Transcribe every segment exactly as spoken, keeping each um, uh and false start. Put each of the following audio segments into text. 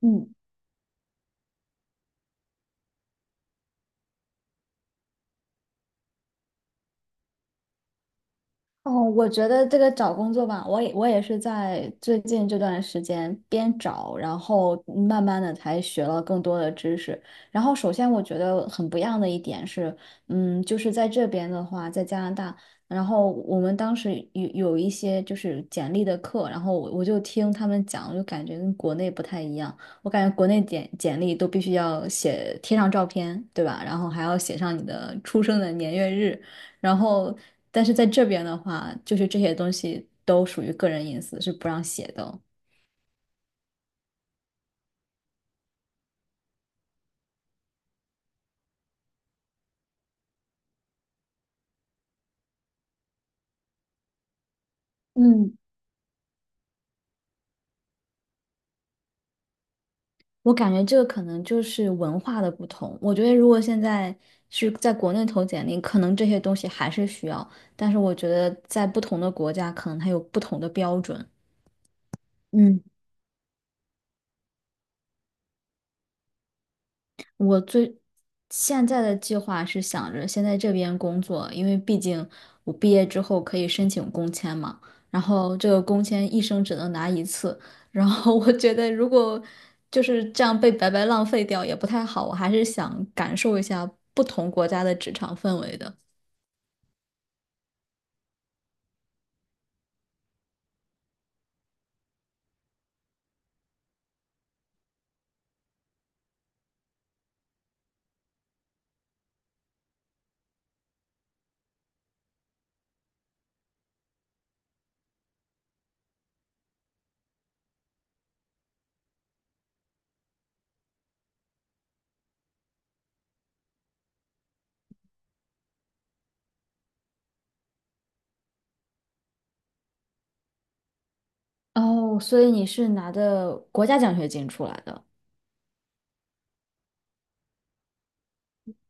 嗯，哦，我觉得这个找工作吧，我也我也是在最近这段时间边找，然后慢慢的才学了更多的知识。然后首先我觉得很不一样的一点是，嗯，就是在这边的话，在加拿大，然后我们当时有有一些就是简历的课，然后我我就听他们讲，我就感觉跟国内不太一样。我感觉国内简简历都必须要写贴上照片，对吧？然后还要写上你的出生的年月日。然后，但是在这边的话，就是这些东西都属于个人隐私，是不让写的哦。嗯，我感觉这个可能就是文化的不同。我觉得如果现在是在国内投简历，可能这些东西还是需要，但是我觉得在不同的国家，可能它有不同的标准。嗯。我最现在的计划是想着先在这边工作，因为毕竟我毕业之后可以申请工签嘛。然后这个工签一生只能拿一次，然后我觉得如果就是这样被白白浪费掉也不太好，我还是想感受一下不同国家的职场氛围的。哦，所以你是拿的国家奖学金出来的。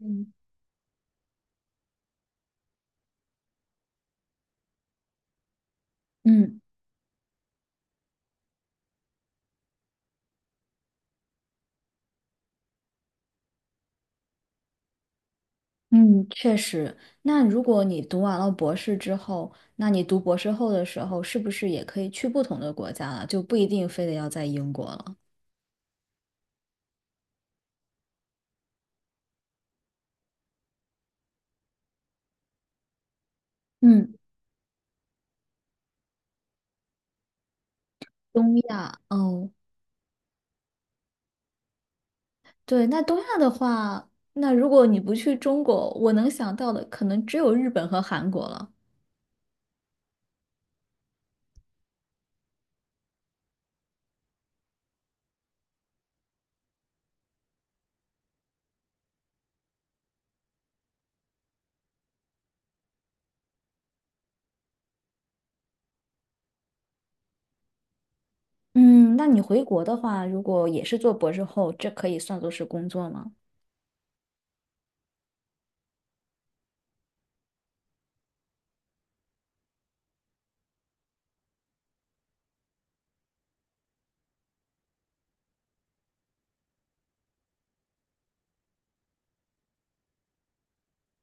嗯。嗯。嗯，确实。那如果你读完了博士之后，那你读博士后的时候，是不是也可以去不同的国家了？就不一定非得要在英国了。嗯。东亚，哦，对，那东亚的话，那如果你不去中国，我能想到的可能只有日本和韩国了。嗯，那你回国的话，如果也是做博士后，这可以算作是工作吗？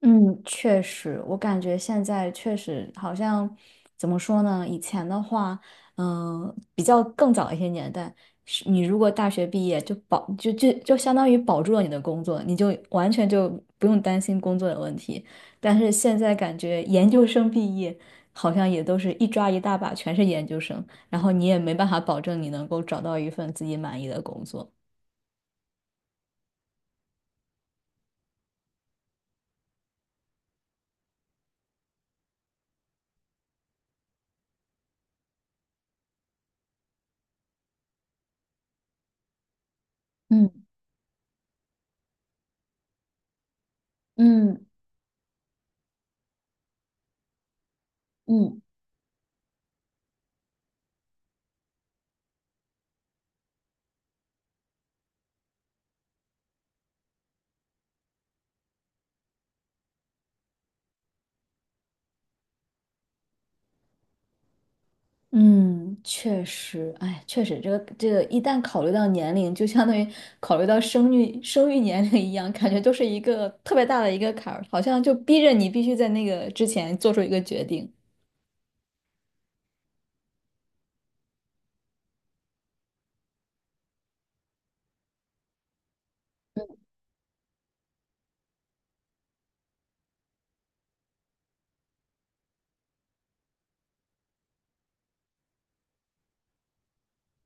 嗯，确实，我感觉现在确实好像怎么说呢？以前的话，嗯、比较更早一些年代，是你如果大学毕业就保就就就相当于保住了你的工作，你就完全就不用担心工作的问题。但是现在感觉研究生毕业好像也都是一抓一大把，全是研究生，然后你也没办法保证你能够找到一份自己满意的工作。嗯嗯嗯。嗯，确实，哎，确实，这个这个一旦考虑到年龄，就相当于考虑到生育生育年龄一样，感觉都是一个特别大的一个坎儿，好像就逼着你必须在那个之前做出一个决定。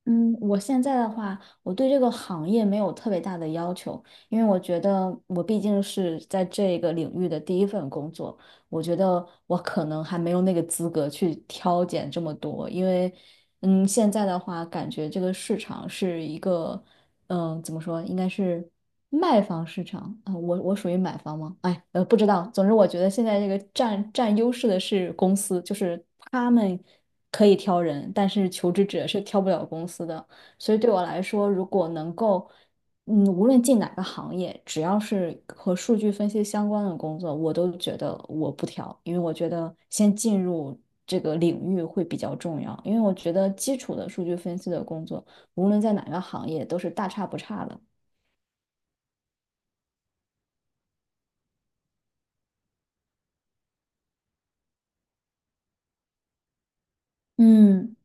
嗯，我现在的话，我对这个行业没有特别大的要求，因为我觉得我毕竟是在这个领域的第一份工作，我觉得我可能还没有那个资格去挑拣这么多，因为，嗯，现在的话，感觉这个市场是一个。嗯、呃怎么说，应该是卖方市场啊、我我属于买方吗？哎，呃，不知道。总之，我觉得现在这个占占优势的是公司，就是他们可以挑人，但是求职者是挑不了公司的。所以对我来说，如果能够，嗯，无论进哪个行业，只要是和数据分析相关的工作，我都觉得我不挑，因为我觉得先进入这个领域会比较重要，因为我觉得基础的数据分析的工作。无论在哪个行业都是大差不差的。嗯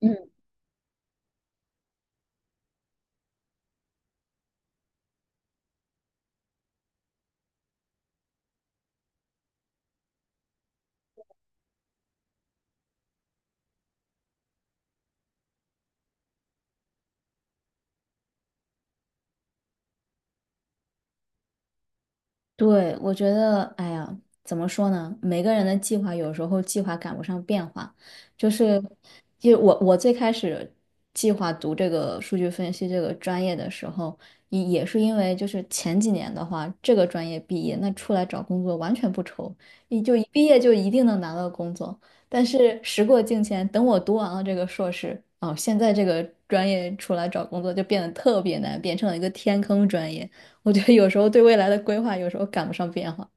嗯对，我觉得，哎呀，怎么说呢？每个人的计划有时候计划赶不上变化，就是，就我我最开始计划读这个数据分析这个专业的时候，也也是因为就是前几年的话，这个专业毕业，那出来找工作完全不愁，你就一毕业就一定能拿到工作。但是时过境迁，等我读完了这个硕士，哦，现在这个专业出来找工作就变得特别难，变成了一个天坑专业。我觉得有时候对未来的规划，有时候赶不上变化。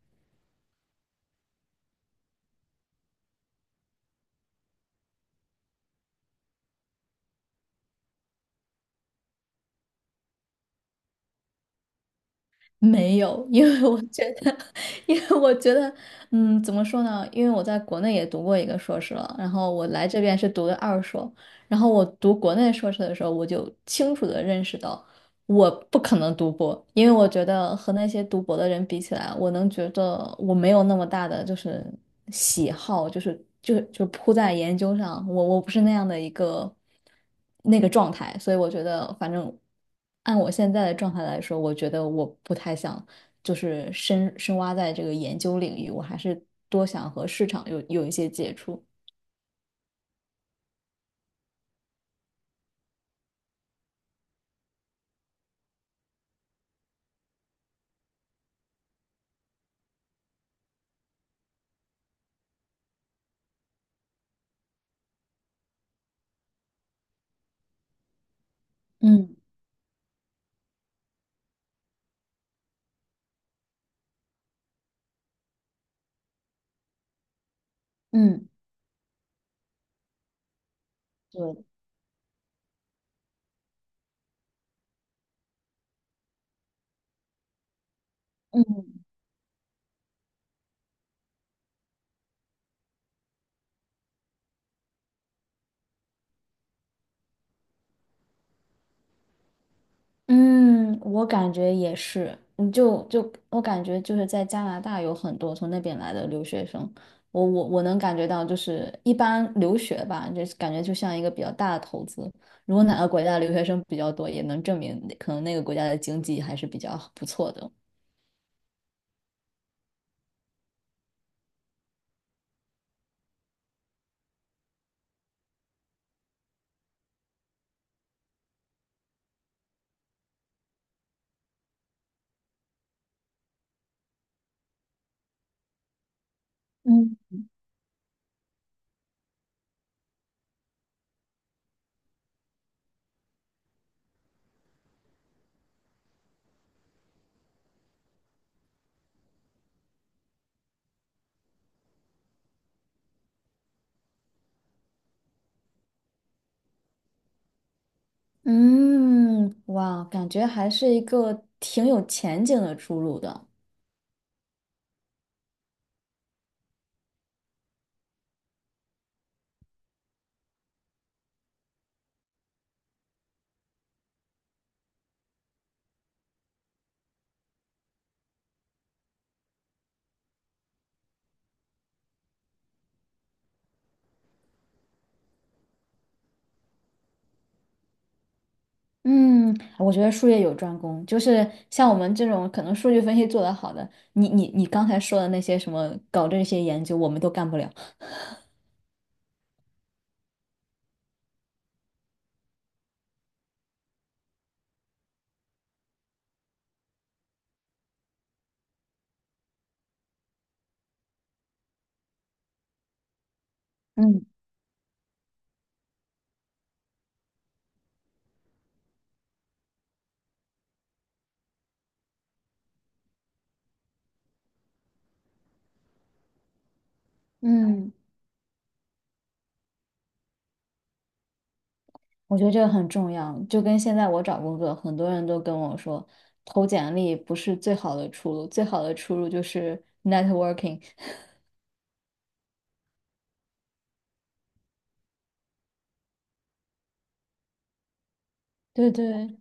没有，因为我觉得，因为我觉得，嗯，怎么说呢？因为我在国内也读过一个硕士了，然后我来这边是读的二硕，然后我读国内硕士的时候，我就清楚的认识到。我不可能读博，因为我觉得和那些读博的人比起来，我能觉得我没有那么大的就是喜好，就是就就扑在研究上，我我不是那样的一个那个状态，所以我觉得反正按我现在的状态来说，我觉得我不太想就是深深挖在这个研究领域，我还是多想和市场有有一些接触。嗯嗯对。嗯。嗯，我感觉也是，嗯，就就我感觉就是在加拿大有很多从那边来的留学生，我我我能感觉到，就是一般留学吧，就是感觉就像一个比较大的投资。如果哪个国家的留学生比较多，也能证明可能那个国家的经济还是比较不错的。嗯。嗯，哇，感觉还是一个挺有前景的出路的。嗯，我觉得术业有专攻，就是像我们这种可能数据分析做得好的，你你你刚才说的那些什么搞这些研究，我们都干不了。嗯嗯，我觉得这个很重要，就跟现在我找工作，很多人都跟我说，投简历不是最好的出路，最好的出路就是 networking。对对，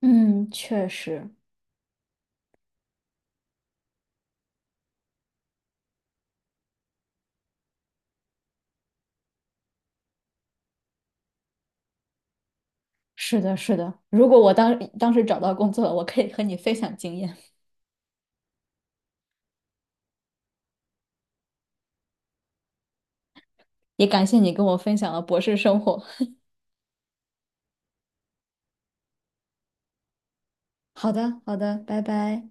嗯，确实是的，是的。如果我当当时找到工作了，我可以和你分享经验，也感谢你跟我分享了博士生活。好的，好的，拜拜。